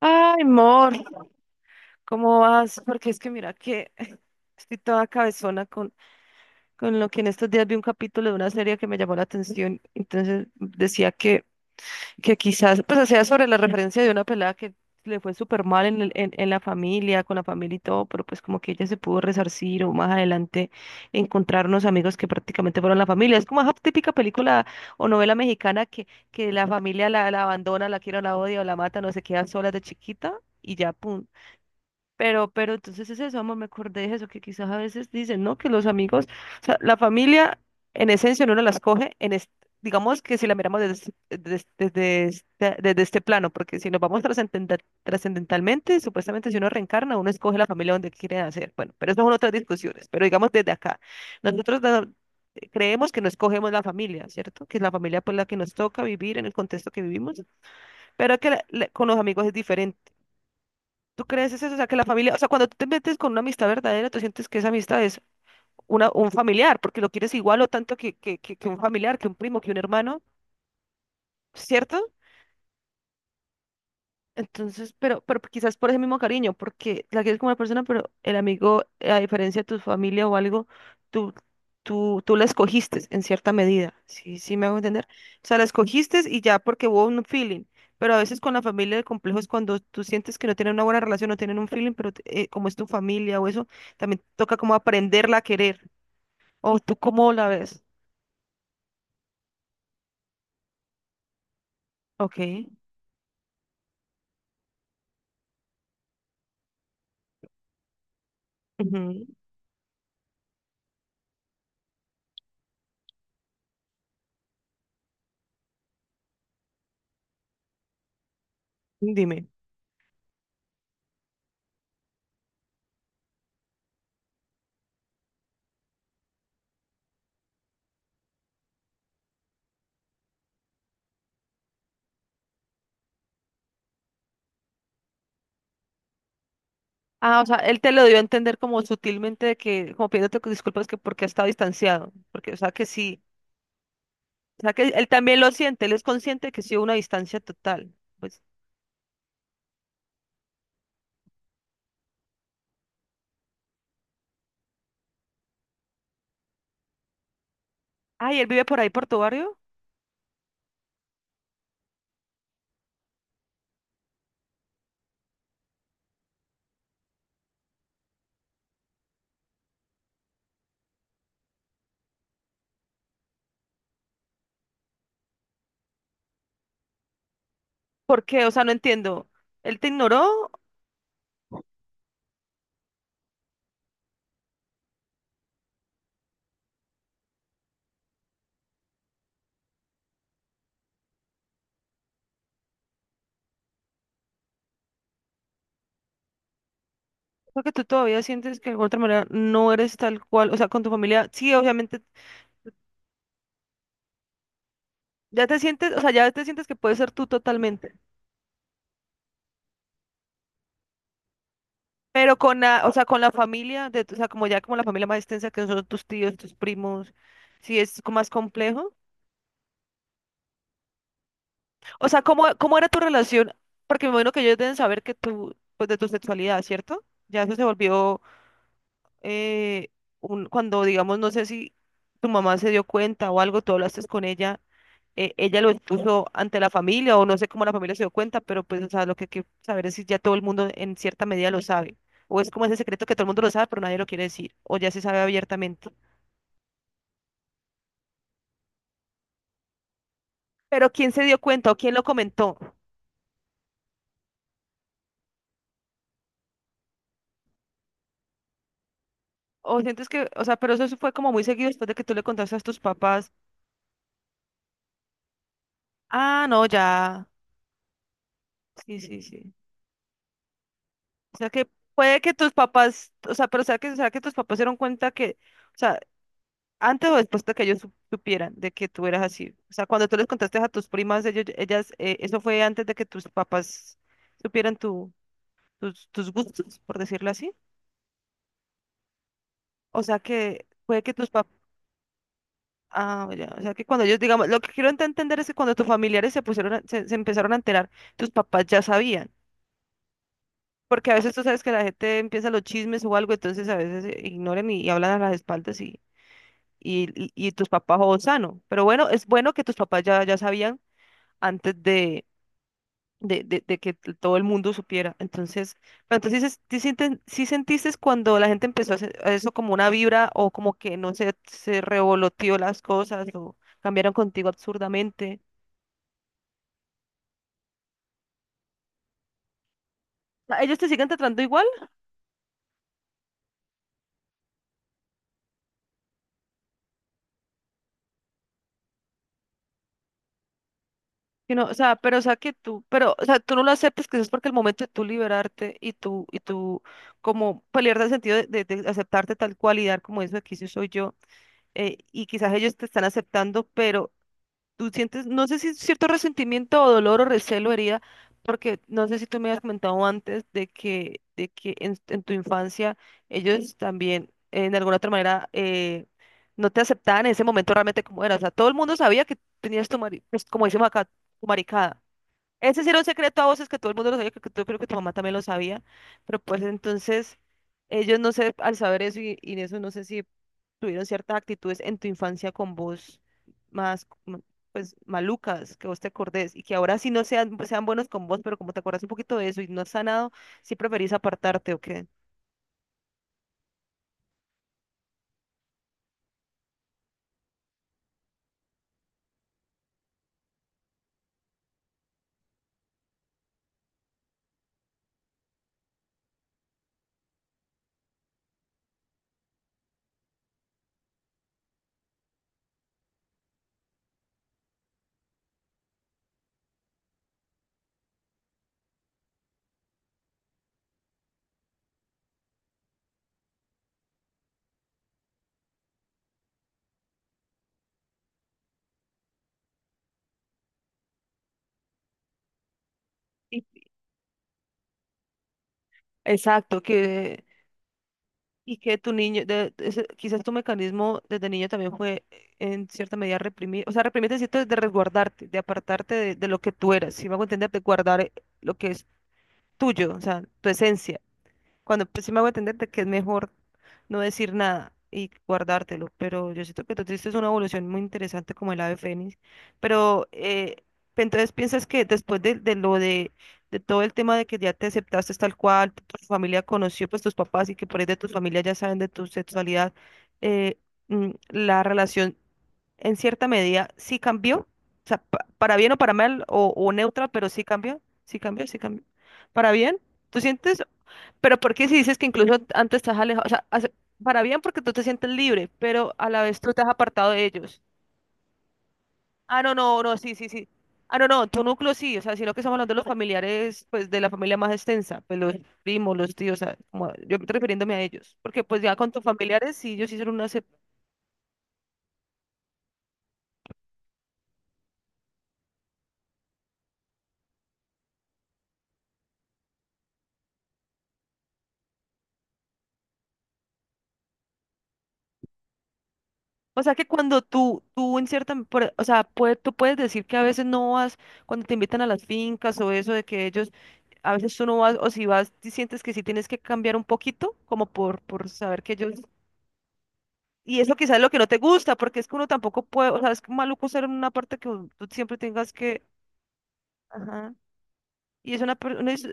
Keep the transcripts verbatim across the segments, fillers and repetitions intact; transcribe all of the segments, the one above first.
Ay, amor, ¿cómo vas? Porque es que mira que estoy toda cabezona con, con lo que en estos días vi un capítulo de una serie que me llamó la atención. Entonces decía que, que quizás, pues hacía sobre la referencia de una pelada que le fue súper mal en, el- en, en la familia, con la familia y todo, pero pues como que ella se pudo resarcir o más adelante encontrar unos amigos que prácticamente fueron la familia. Es como esa típica película o novela mexicana que, que la familia la, la abandona, la quiere o la odia o la mata, no se queda sola de chiquita y ya, pum, pero, pero entonces es eso, amor, me acordé de eso, que quizás a veces dicen, ¿no? Que los amigos, o sea, la familia en esencia uno la escoge, en es- digamos que si la miramos desde, desde, desde este, desde este plano, porque si nos vamos trascendenta- trascendentalmente, supuestamente si uno reencarna, uno escoge la familia donde quiere nacer. Bueno, pero eso son otras discusiones, pero digamos desde acá, nosotros da- creemos que no escogemos la familia, ¿cierto? Que es la familia pues la que nos toca vivir en el contexto que vivimos, pero que la- la- con los amigos es diferente. ¿Tú crees eso? O sea, que la familia, o sea, cuando tú te metes con una amistad verdadera, tú sientes que esa amistad es una, un familiar, porque lo quieres igual o tanto que, que, que, que un familiar, que un primo, que un hermano, ¿cierto? Entonces, pero, pero quizás por ese mismo cariño, porque la quieres como una persona, pero el amigo, eh, a diferencia de tu familia o algo, tú, tú, tú la escogiste en cierta medida, sí, sí me hago entender. O sea, la escogiste y ya porque hubo un feeling, pero a veces con la familia el complejo es cuando tú sientes que no tienen una buena relación, no tienen un feeling, pero eh, como es tu familia o eso, también toca como aprenderla a querer. O tú cómo la ves. Ok. Ujú. Dime. Ah, o sea, él te lo dio a entender como sutilmente de que, como pidiéndote que disculpas que porque ha estado distanciado, porque, o sea, que sí, o sea, que él también lo siente, él es consciente de que sí hubo una distancia total. Pues, ay, él vive por ahí, por tu barrio. ¿Por qué? O sea, no entiendo. ¿Él te ignoró? Porque tú todavía sientes que de alguna otra manera no eres tal cual, o sea, con tu familia, sí, obviamente, ya te sientes, o sea, ya te sientes que puedes ser tú totalmente, pero con la, o sea, con la familia, de, tu- o sea, como ya como la familia más extensa que son tus tíos, tus primos, sí es co- más complejo. O sea, ¿cómo, cómo era tu relación? Porque me imagino que ellos deben saber que tú, pues de tu sexualidad, ¿cierto? Ya eso se volvió eh, un, cuando, digamos, no sé si tu mamá se dio cuenta o algo, tú hablaste con ella, eh, ella lo expuso ante la familia o no sé cómo la familia se dio cuenta, pero pues, o sea, lo que hay que saber es si ya todo el mundo en cierta medida lo sabe. O es como ese secreto que todo el mundo lo sabe, pero nadie lo quiere decir, o ya se sabe abiertamente. Pero ¿quién se dio cuenta o quién lo comentó? O sientes que, o sea, pero eso fue como muy seguido después de que tú le contaste a tus papás. Ah, no, ya. Sí, sí, sí. O sea que puede que tus papás, o sea, pero o sea que, o sea que tus papás se dieron cuenta que, o sea, antes o después de que ellos sup- supieran de que tú eras así. O sea, cuando tú les contaste a tus primas, ellos, ellas, eh, eso fue antes de que tus papás supieran tu, tus, tus gustos, por decirlo así. O sea que puede que tus papás, ah, ya. O sea que cuando ellos, digamos, lo que quiero ent- entender es que cuando tus familiares se pusieron, a- se, se empezaron a enterar, tus papás ya sabían. Porque a veces tú sabes que la gente empieza los chismes o algo, entonces a veces eh, ignoran y, y hablan a las espaldas y, y, y- y tus papás o sano. Pero bueno, es bueno que tus papás ya, ya sabían antes de, de, de- de que t- todo el mundo supiera. Entonces, pero entonces dices, ¿sí, sienten- sí sentiste cuando la gente empezó a hacer a eso como una vibra o como que no sé, se revoloteó las cosas o cambiaron contigo absurdamente? O sea, ¿ellos te siguen tratando igual? Que no, o sea, pero o sea que tú, pero o sea, tú no lo aceptes que es porque el momento de tú liberarte y tú y tú como pelear el sentido de, de- de aceptarte tal cual y dar como eso aquí sí soy yo, eh, y quizás ellos te están aceptando, pero tú sientes, no sé si es cierto resentimiento o dolor o recelo, herida, porque no sé si tú me habías comentado antes de que de que en, en tu infancia ellos también eh, de alguna otra manera eh, no te aceptaban en ese momento realmente como eras, o sea, todo el mundo sabía que tenías tu mari- pues, como decimos acá, tu maricada, ese sí era un secreto a voces que todo el mundo lo sabía, creo que tú, creo que tu mamá también lo sabía, pero pues entonces ellos no sé, al saber eso y, y eso no sé si tuvieron ciertas actitudes en tu infancia con vos más, mm, pues malucas, que vos te acordés y que ahora sí no sean, sean buenos con vos, pero como te acordás un poquito de eso y no has sanado, sí preferís apartarte o qué. Y- Exacto, que... Y que tu niño, de- de- ese- quizás tu mecanismo desde niño también fue eh, en cierta medida reprimir, o sea, reprimirte cierto, de resguardarte, de apartarte de, de lo que tú eras, si me hago entender, de guardar eh, lo que es tuyo, o sea, tu esencia. Cuando pues, sí me hago entender de que es mejor no decir nada y guardártelo, pero yo siento que tú tuviste una evolución muy interesante como el ave fénix, pero eh, entonces piensas que después de, de lo de, de todo el tema de que ya te aceptaste tal cual, tu familia conoció pues tus papás y que por ahí de tu familia ya saben de tu sexualidad, eh, mm, la relación en cierta medida sí cambió, o sea, pa- para bien o para mal o, o neutra, pero sí cambió, sí cambió, sí cambió, para bien. ¿Tú sientes pero ¿por qué si dices que incluso antes estás alejado? O sea, hace- para bien porque tú te sientes libre, pero a la vez tú te has apartado de ellos. Ah, no, no, no, sí, sí, sí. Ah, no, no, tu núcleo sí, o sea, sino que estamos hablando de los familiares, pues de la familia más extensa, pues los primos, los tíos, o sea, como... yo estoy refiriéndome a ellos, porque pues ya con tus familiares sí, ellos hicieron una, se... O sea que cuando tú, tú en cierta, por- o sea, puede- tú puedes decir que a veces no vas, cuando te invitan a las fincas o eso, de que ellos, a veces tú no vas, o si vas, si sientes que sí tienes que cambiar un poquito, como por, por saber que ellos, y eso quizás es lo que no te gusta, porque es que uno tampoco puede, o sea, es maluco ser en una parte que u- tú siempre tengas que, ajá, y es una, per- una es-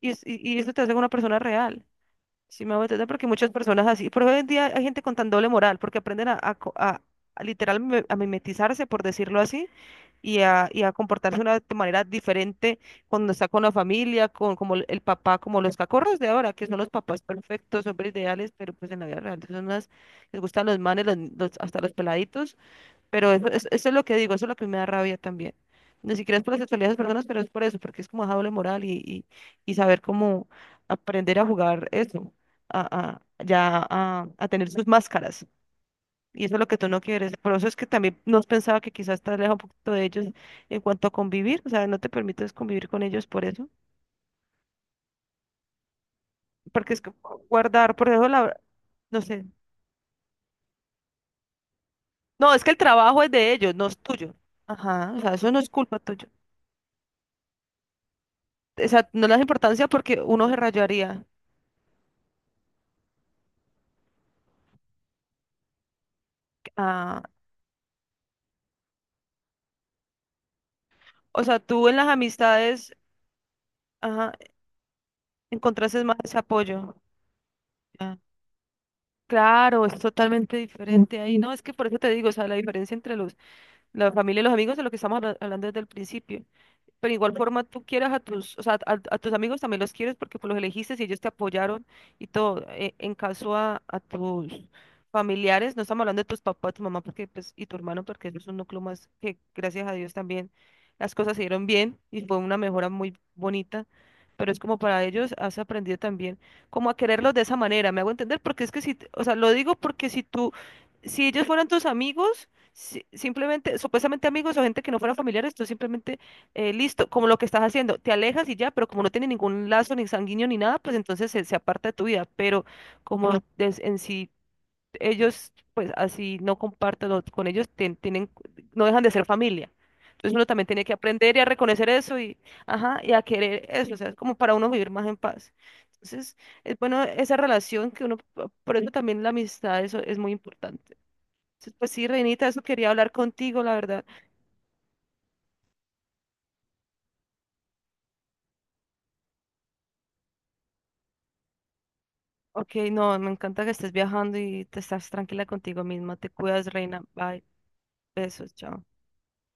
y, es- y y eso te hace una persona real. Sí, me hago entender porque muchas personas así, por hoy en día hay gente con tan doble moral, porque aprenden a, a, co- a- a literal me- a mimetizarse, por decirlo así, y a, y a comportarse de una, de manera diferente cuando está con la familia, con como el el papá, como los cacorros de ahora, que son los papás perfectos, hombres ideales, pero pues en la vida real son unas, les gustan los manes, los- los- hasta los peladitos, pero eso, eso, eso es lo que digo, eso es lo que me da rabia también. Ni siquiera es por la sexualidad de las personas, pero es por eso, porque es como esa doble moral y, y, y saber cómo aprender a jugar eso, a, a- ya a, a tener sus máscaras. Y eso es lo que tú no quieres. Por eso es que también nos pensaba que quizás estás lejos un poquito de ellos en cuanto a convivir, o sea, no te permites convivir con ellos por eso, porque es que guardar, por eso la, no sé. No, es que el trabajo es de ellos, no es tuyo. Ajá, o sea, eso no es culpa tuya. O sea, no le das importancia porque uno se rayaría. Ah, o sea, tú en las amistades, ajá, encontraste más ese apoyo. Ya. Claro, es totalmente diferente ahí. No, es que por eso te digo, o sea, la diferencia entre los, la familia y los amigos es lo que estamos habla- hablando desde el principio. Pero igual forma tú quieras a tus, o sea, a, a tus amigos también los quieres porque pues los elegiste y ellos te apoyaron y todo. E- En caso a, a tus familiares, no estamos hablando de tus papás, tu mamá porque, pues, y tu hermano porque eso es un núcleo más que gracias a Dios también las cosas se dieron bien y fue una mejora muy bonita. Pero es como para ellos has aprendido también como a quererlos de esa manera, me hago entender, porque es que si, t- o sea, lo digo porque si tú, si ellos fueran tus amigos, si- simplemente, supuestamente amigos o gente que no fuera familiares, tú simplemente eh, listo, como lo que estás haciendo, te alejas y ya, pero como no tiene ningún lazo ni sanguíneo ni nada, pues entonces se, se aparta de tu vida, pero como Ujú. Des- en sí ellos, pues así no comparten o con ellos, ten- tienen, no dejan de ser familia. Entonces uno también tiene que aprender y a reconocer eso y, ajá, y a querer eso, o sea, es como para uno vivir más en paz. Entonces, es bueno esa relación que uno, por eso también la amistad, eso es muy importante. Entonces, pues sí, Reinita, eso quería hablar contigo, la verdad. Ok, no, me encanta que estés viajando y te estás tranquila contigo misma. Te cuidas, reina. Bye. Besos, chao.